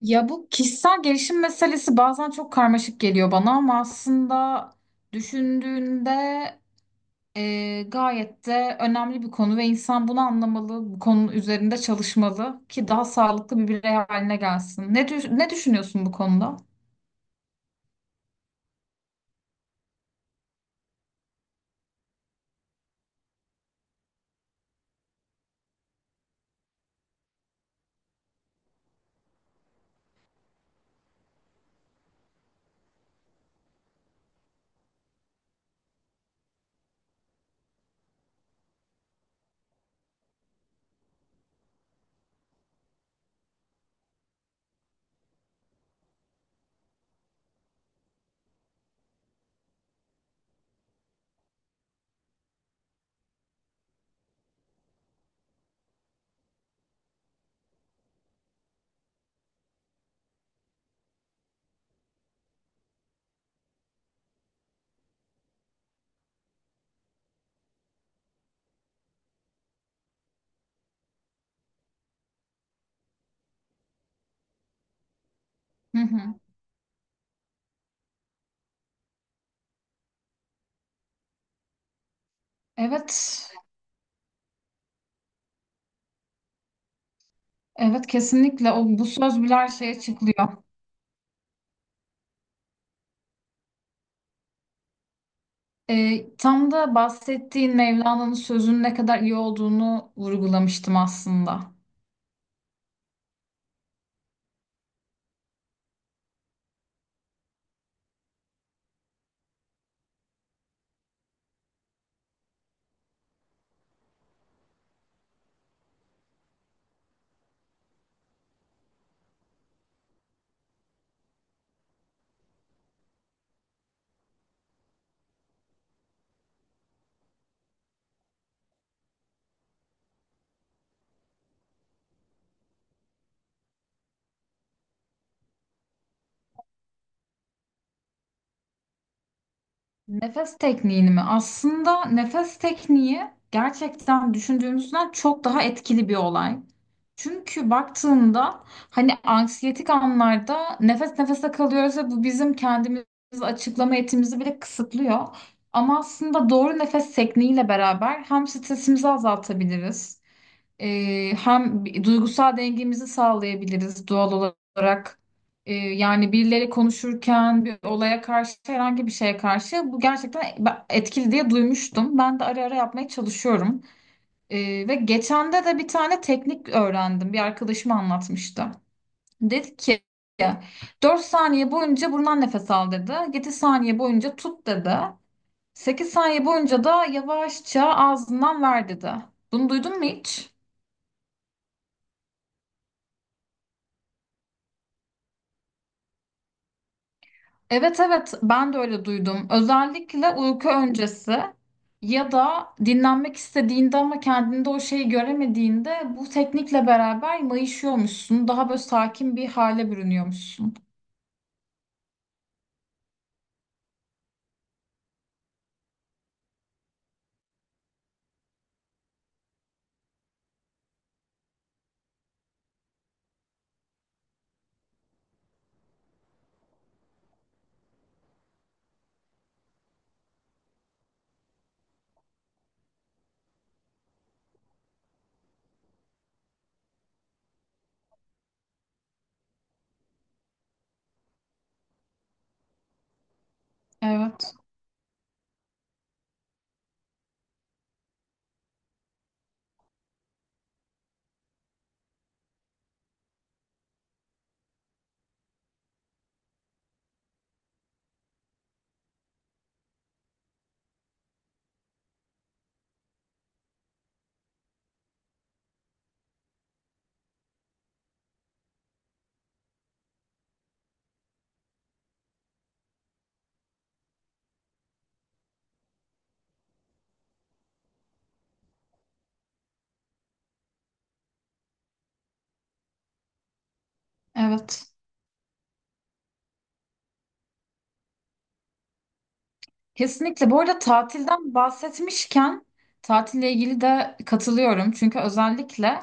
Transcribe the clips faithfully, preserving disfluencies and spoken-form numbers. Ya bu kişisel gelişim meselesi bazen çok karmaşık geliyor bana ama aslında düşündüğünde e, gayet de önemli bir konu ve insan bunu anlamalı, bu konu üzerinde çalışmalı ki daha sağlıklı bir birey haline gelsin. Ne düş- ne düşünüyorsun bu konuda? Hı hı. Evet, evet, kesinlikle o bu söz bile her şeye çıkılıyor. E, tam da bahsettiğin Mevlana'nın sözünün ne kadar iyi olduğunu vurgulamıştım aslında. Nefes tekniğini mi? Aslında nefes tekniği gerçekten düşündüğümüzden çok daha etkili bir olay. Çünkü baktığında hani anksiyetik anlarda nefes nefese kalıyoruz ve bu bizim kendimizi açıklama yetimizi bile kısıtlıyor. Ama aslında doğru nefes tekniğiyle beraber hem stresimizi azaltabiliriz. Ee, hem duygusal dengemizi sağlayabiliriz doğal olarak. Ee, yani birileri konuşurken bir olaya karşı herhangi bir şeye karşı bu gerçekten ben- etkili diye duymuştum. Ben de ara ara yapmaya çalışıyorum. Ee, ve geçen de de bir tane teknik öğrendim. Bir arkadaşım anlatmıştı. Dedi ki dört saniye boyunca burundan nefes al dedi. yedi saniye boyunca tut dedi. Sekiz saniye boyunca da yavaşça ağzından ver dedi. Bunu duydun mu hiç? Evet, evet, ben de öyle duydum. Özellikle uyku öncesi ya da dinlenmek istediğinde ama kendinde o şeyi göremediğinde bu teknikle beraber mayışıyormuşsun. Daha böyle sakin bir hale bürünüyormuşsun. Evet, evet. Kesinlikle. Bu arada tatilden bahsetmişken tatille ilgili de katılıyorum. Çünkü özellikle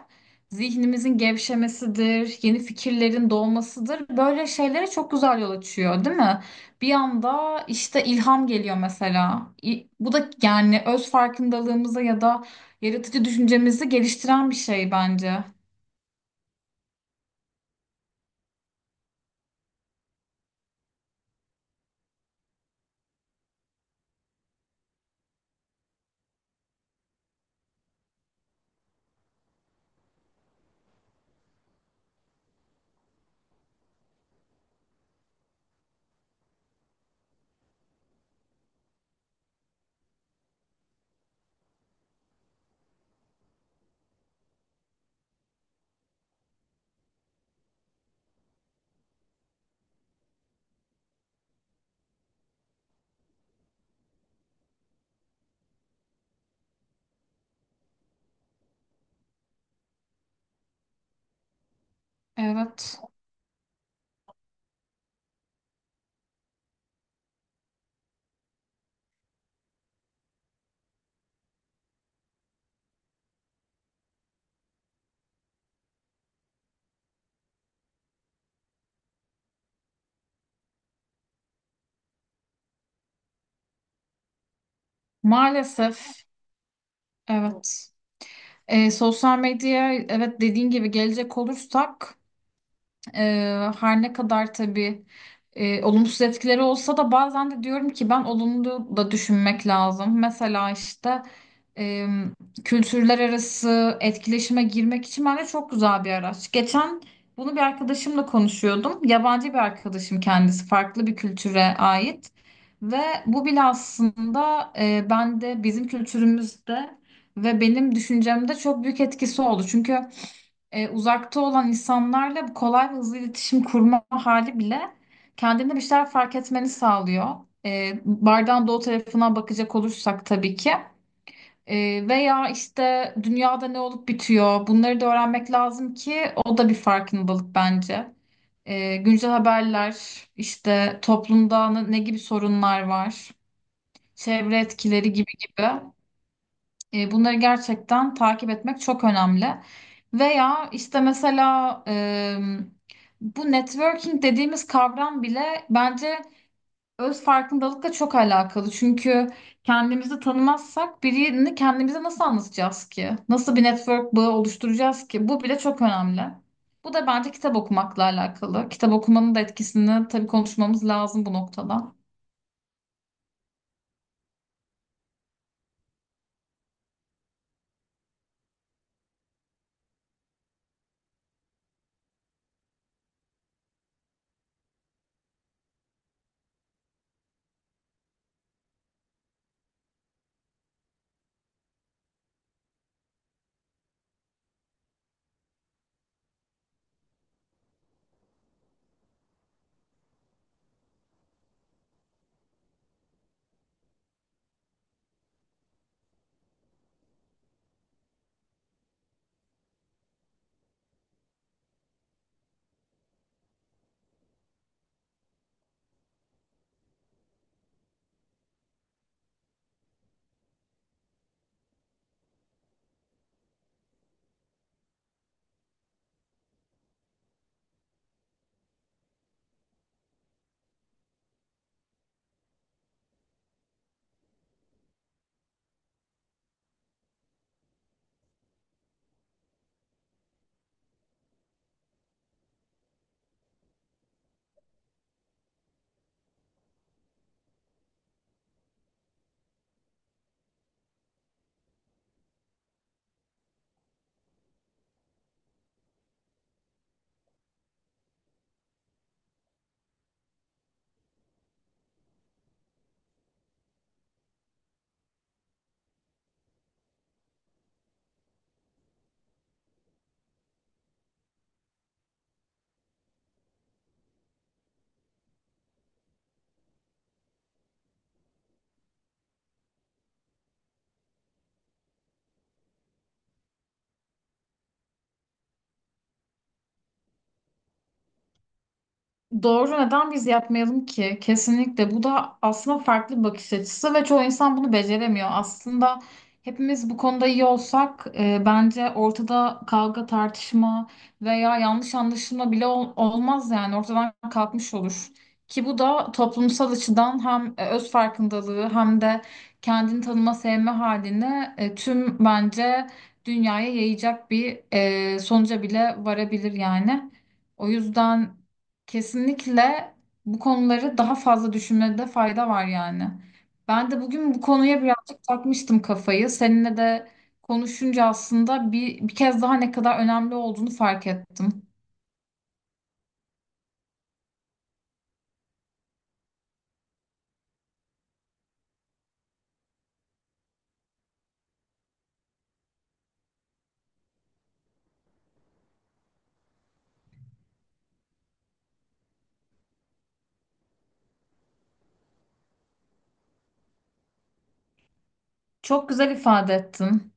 zihnimizin gevşemesidir, yeni fikirlerin doğmasıdır. Böyle şeylere çok güzel yol açıyor, değil mi? Bir anda işte ilham geliyor mesela. İ- Bu da yani öz farkındalığımıza ya da yaratıcı düşüncemizi geliştiren bir şey bence. Evet. Maalesef. Evet. Ee, sosyal medyaya evet dediğin gibi gelecek olursak Ee, her ne kadar tabii e, olumsuz etkileri olsa da bazen de diyorum ki ben olumlu da düşünmek lazım. Mesela işte e, kültürler arası etkileşime girmek için bence çok güzel bir araç. Geçen bunu bir arkadaşımla konuşuyordum. Yabancı bir arkadaşım kendisi, farklı bir kültüre ait. Ve bu bile aslında e, bende bizim kültürümüzde ve benim düşüncemde çok büyük etkisi oldu. Çünkü e, uzakta olan insanlarla kolay ve hızlı iletişim kurma hali bile kendinde bir şeyler fark etmeni sağlıyor. E, bardağın doğu tarafına bakacak olursak tabii ki. E, veya işte dünyada ne olup bitiyor bunları da öğrenmek lazım ki o da bir farkındalık bence. E, güncel haberler, işte toplumda ne ne gibi sorunlar var, çevre etkileri gibi gibi. E, Bunları gerçekten takip etmek çok önemli. Veya işte mesela e, bu networking dediğimiz kavram bile bence öz farkındalıkla çok alakalı. Çünkü kendimizi tanımazsak birini kendimize nasıl anlatacağız ki? Nasıl bir network bağı oluşturacağız ki? Bu bile çok önemli. Bu da bence kitap okumakla alakalı. Kitap okumanın da etkisini tabii konuşmamız lazım bu noktada. Doğru, neden biz yapmayalım ki? Kesinlikle bu da aslında farklı bir bakış açısı ve çoğu insan bunu beceremiyor. Aslında hepimiz bu konuda iyi olsak e, bence ortada kavga, tartışma veya yanlış anlaşılma bile ol- olmaz yani ortadan kalkmış olur. Ki bu da toplumsal açıdan hem e, öz farkındalığı hem de kendini tanıma sevme halini e, tüm bence dünyaya yayacak bir e, sonuca bile varabilir yani. O yüzden kesinlikle bu konuları daha fazla düşünmede fayda var yani. Ben de bugün bu konuya birazcık takmıştım kafayı. Seninle de konuşunca aslında bir, bir kez daha ne kadar önemli olduğunu fark ettim. Çok güzel ifade ettin.